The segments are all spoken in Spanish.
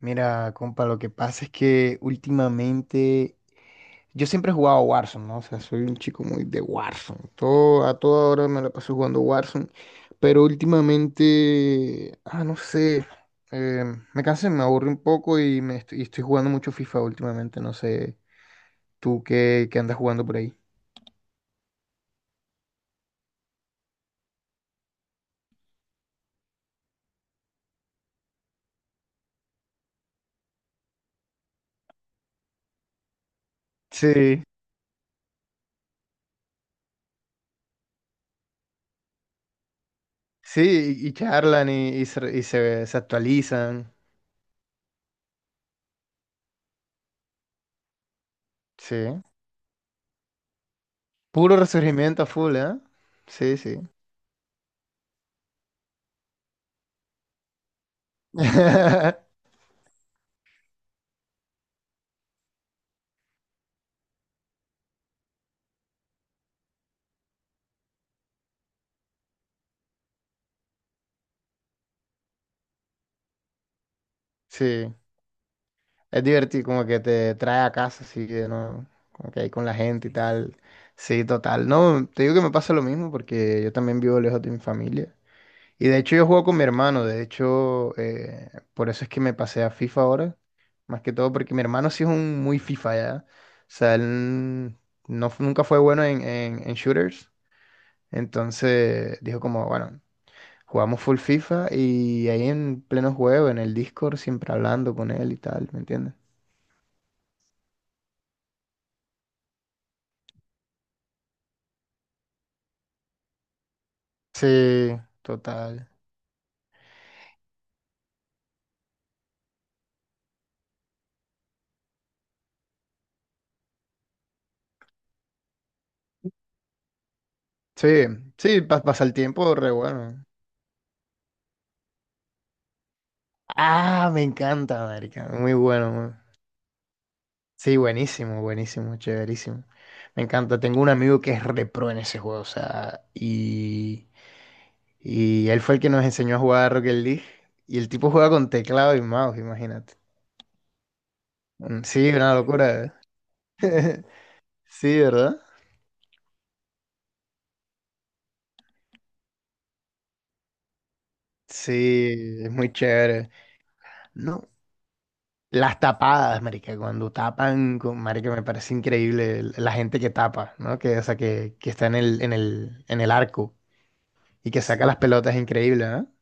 Mira, compa, lo que pasa es que últimamente yo siempre he jugado Warzone, ¿no? O sea, soy un chico muy de Warzone. Todo, a toda hora me la paso jugando Warzone. Pero últimamente, no sé, eh, me cansé, me aburro un poco y estoy jugando mucho FIFA últimamente. No sé, tú qué andas jugando por ahí. Sí, sí, y charlan y se actualizan. Sí. Puro resurgimiento a full, ¿eh? Sí, sí. Sí. Es divertido, como que te trae a casa, así que no, como que ahí con la gente y tal. Sí, total. No, te digo que me pasa lo mismo porque yo también vivo lejos de mi familia. Y de hecho yo juego con mi hermano, de hecho, por eso es que me pasé a FIFA ahora, más que todo porque mi hermano sí es un muy FIFA ya. O sea, él no, nunca fue bueno en shooters, entonces dijo como, bueno, jugamos full FIFA y ahí en pleno juego, en el Discord, siempre hablando con él y tal, ¿me entiendes? Sí, total. Sí, sí, pasa el tiempo re bueno. Ah, me encanta, marica. Muy bueno. Sí, buenísimo, buenísimo, chéverísimo. Me encanta. Tengo un amigo que es repro en ese juego, o sea, y él fue el que nos enseñó a jugar a Rocket League. Y el tipo juega con teclado y mouse, imagínate. Mm, sí, una locura, ¿eh? Sí, ¿verdad? Sí, es muy chévere. No, las tapadas, marica, cuando tapan, con, marica, me parece increíble la gente que tapa, ¿no? Que, o sea, que está en el arco y que saca las pelotas, increíble, ¿no?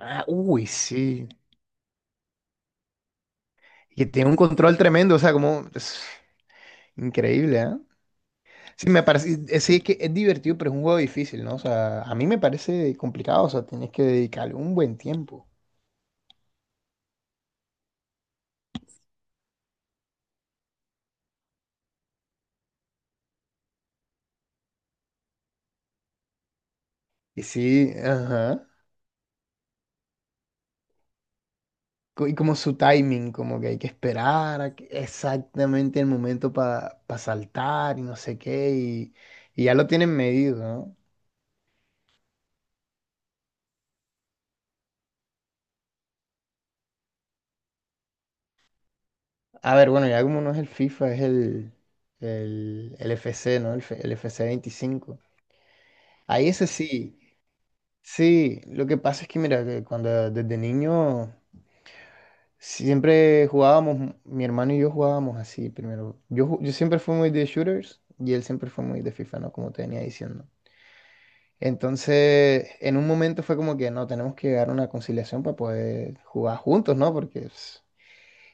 Ah, uy, sí. Y tiene un control tremendo, o sea, como es increíble, ¿eh? Sí, me parece. Sí, es que es divertido, pero es un juego difícil, ¿no? O sea, a mí me parece complicado, o sea, tienes que dedicarle un buen tiempo. Y sí, ajá. Y como su timing, como que hay que esperar exactamente el momento para saltar y no sé qué, y ya lo tienen medido, ¿no? A ver, bueno, ya como no es el FIFA, es el FC, ¿no? El FC 25. Ahí ese sí, sí, lo que pasa es que mira, que cuando desde niño siempre jugábamos, mi hermano y yo jugábamos así primero. Yo siempre fui muy de shooters y él siempre fue muy de FIFA, ¿no? Como te venía diciendo. Entonces, en un momento fue como que no, tenemos que llegar a una conciliación para poder jugar juntos, ¿no? Porque pues.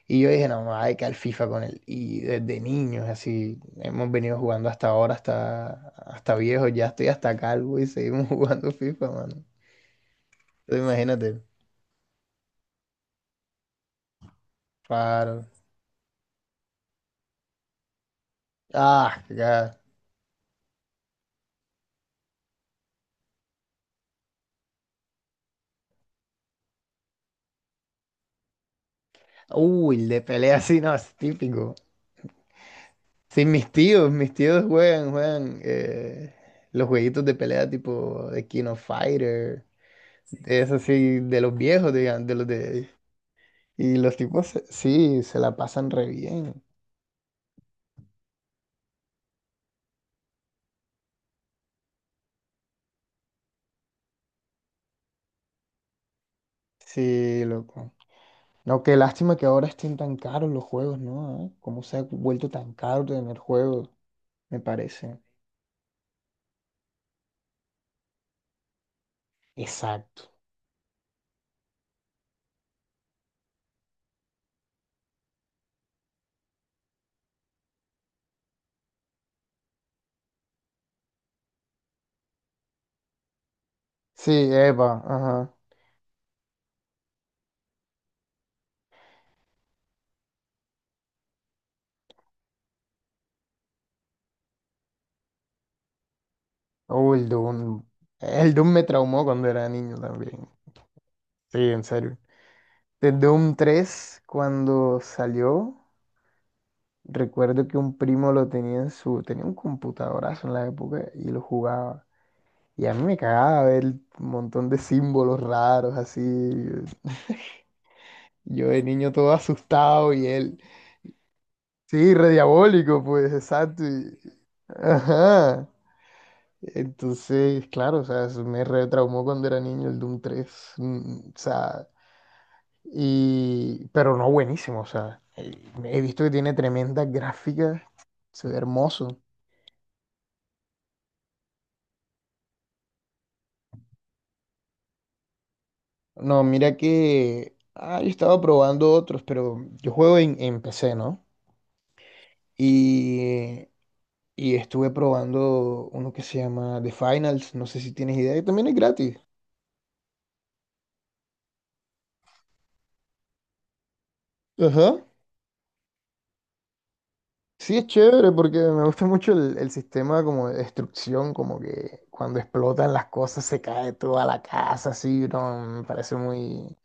Y yo dije, no, hay que al FIFA con él. Y desde niños, así, hemos venido jugando hasta ahora, hasta viejo, ya estoy hasta calvo y seguimos jugando FIFA, mano. Entonces, imagínate, claro. Ah, ya. Uy, de pelea así, no, es típico. Sí, mis tíos juegan, los jueguitos de pelea tipo de King of Fighter. Es así, de los viejos, digan, de los de. Y los tipos, sí, se la pasan re bien. Sí, loco. No, qué lástima que ahora estén tan caros los juegos, ¿no? ¿Eh? ¿Cómo se ha vuelto tan caro tener juegos? Me parece. Exacto. Sí, Eva, ajá. Oh, el Doom. El Doom me traumó cuando era niño también. Sí, en serio. De Doom 3 cuando salió, recuerdo que un primo lo tenía en su. Tenía un computadorazo en la época y lo jugaba. Y a mí me cagaba ver un montón de símbolos raros así. Yo de niño todo asustado y él, sí, re diabólico, pues, exacto. Ajá. Entonces, claro, o sea, eso me retraumó cuando era niño el Doom 3. O sea, pero no buenísimo, o sea, he visto que tiene tremendas gráficas, se ve hermoso. No, mira que, yo estaba probando otros, pero yo juego en PC, ¿no? Y y estuve probando uno que se llama The Finals, no sé si tienes idea, y también es gratis. Ajá. Sí, es chévere porque me gusta mucho el sistema como de destrucción, como que cuando explotan las cosas se cae toda la casa, así, no, me parece muy,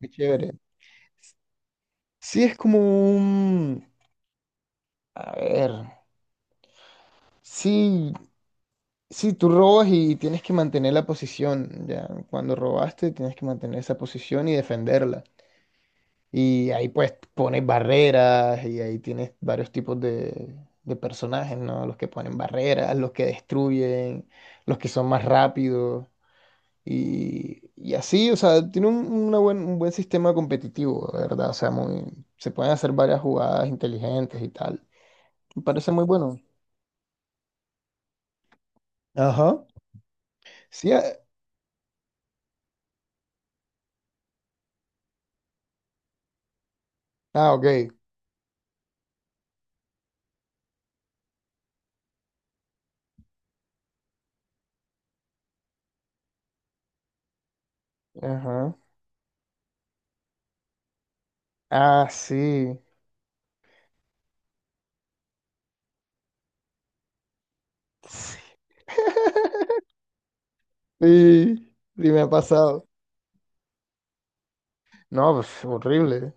muy chévere. Sí, es como un. A ver, sí, sí, tú robas y tienes que mantener la posición, ya, cuando robaste tienes que mantener esa posición y defenderla. Y ahí pues pones barreras y ahí tienes varios tipos de personajes, ¿no? Los que ponen barreras, los que destruyen, los que son más rápidos y así, o sea, tiene un buen sistema competitivo, la verdad, o sea, muy, se pueden hacer varias jugadas inteligentes y tal. Me parece muy bueno. Ajá. Sí, ok. Ajá. Ah, sí. Sí, sí me ha pasado. No, pues horrible.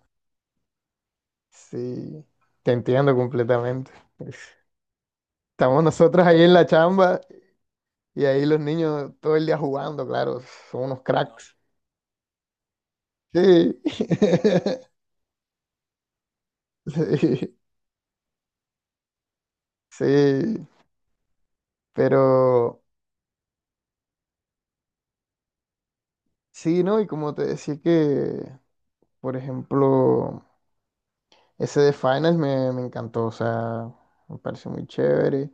Sí, te entiendo completamente. Estamos nosotros ahí en la chamba y ahí los niños todo el día jugando, claro, son unos cracks. Sí, sí, sí, pero sí, ¿no? Y como te decía que, por ejemplo, ese de Finals me encantó, o sea, me pareció muy chévere.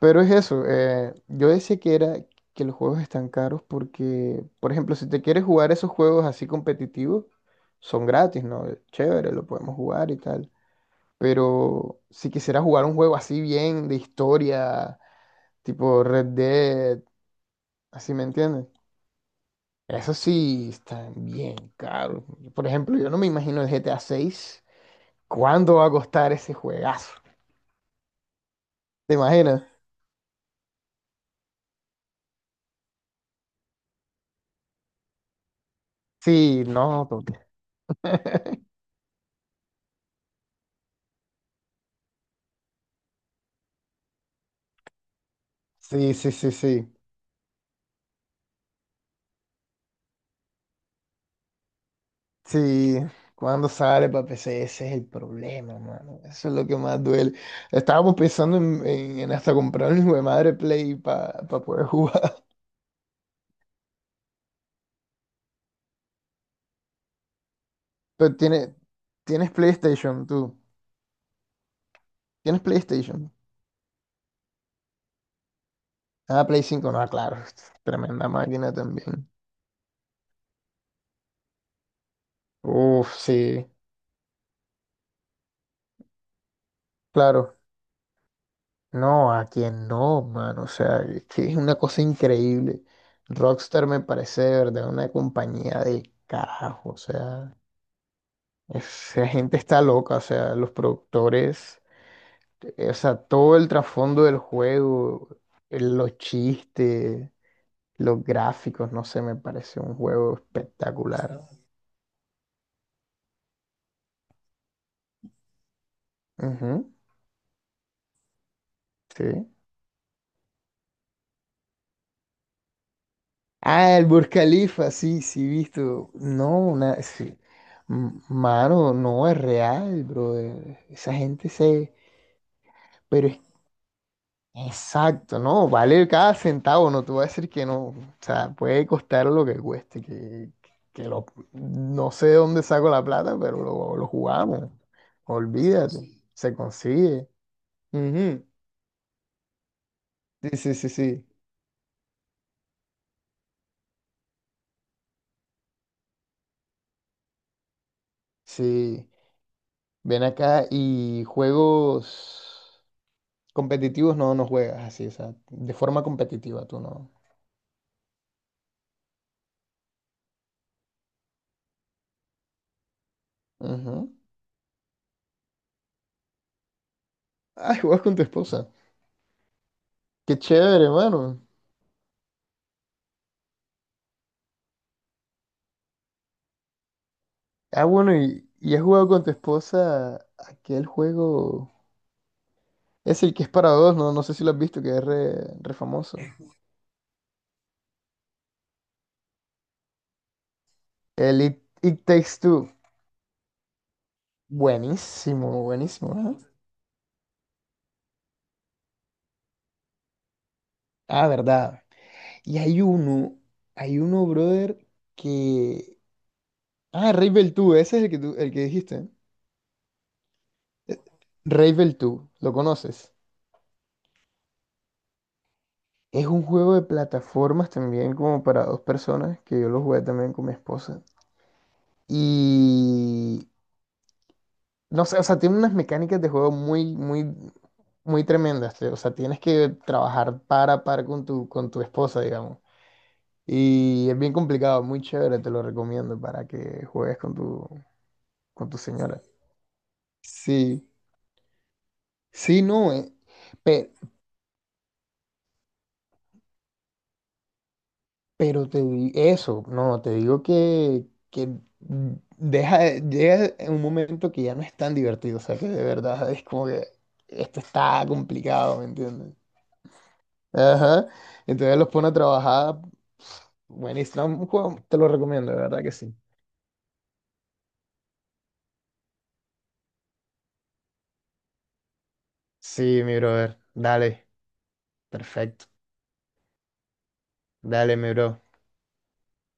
Pero es eso, yo decía que era que los juegos están caros porque, por ejemplo, si te quieres jugar esos juegos así competitivos, son gratis, ¿no? Chévere, lo podemos jugar y tal. Pero si quisieras jugar un juego así bien de historia, tipo Red Dead, así me entiendes, eso sí están bien caros. Por ejemplo, yo no me imagino el GTA 6. ¿Cuándo va a costar ese juegazo? ¿Te imaginas? Sí, no, total. Sí, sí, sí, sí. Sí, cuando sale para PC, ese es el problema, mano. Eso es lo que más duele. Estábamos pensando en hasta comprar un hijo de madre Play para poder jugar. Pero tienes PlayStation, tú. ¿Tienes PlayStation? Ah, Play 5, no, claro. Tremenda máquina también. Uf, sí, claro. No, a quien no, mano. O sea, es que es una cosa increíble. Rockstar me parece de verdad una compañía de carajo. O sea. Esa gente está loca, o sea, los productores, o sea, todo el trasfondo del juego, los chistes, los gráficos, no sé, me parece un juego espectacular. Ujú, sí. Ah, el Burj Khalifa, sí, sí, visto. No, una, sí. Mano, no es real, bro. Esa gente se. Pero es exacto, no, vale cada centavo, no te voy a decir que no, o sea, puede costar lo que cueste, que lo, no sé de dónde saco la plata, pero lo jugamos, olvídate, se consigue. Ujú. Sí, sí, sí, sí, sí, ven acá y juegos competitivos no, no juegas así, o sea, de forma competitiva tú no. Ujú. Ay, juegas con tu esposa, qué chévere, hermano. Ah, bueno, y has jugado con tu esposa aquel juego. Es el que es para dos, no, no sé si lo has visto, que es re, re famoso. El It Takes Two. Buenísimo, buenísimo, ¿no? Ah, verdad. Y hay uno, brother, que. Ah, Ravel 2, ese es el que dijiste. Eh, Ravel 2, ¿lo conoces? Es un juego de plataformas también como para dos personas, que yo lo jugué también con mi esposa. Y no sé, o sea, tiene unas mecánicas de juego muy, muy, muy tremendas. O sea, tienes que trabajar para a par con con tu esposa, digamos. Y es bien complicado, muy chévere, te lo recomiendo para que juegues con con tu señora. Sí, sí, no, pe- pero te di eso, no, te digo que deja, llega en un momento que ya no es tan divertido, o sea, que de verdad es como que esto está complicado, ¿me entiendes? Ajá. Entonces los pone a trabajar. Buenísimo. Un juego, te lo recomiendo, de verdad que sí. Sí, mi brother. Dale. Perfecto. Dale, mi bro.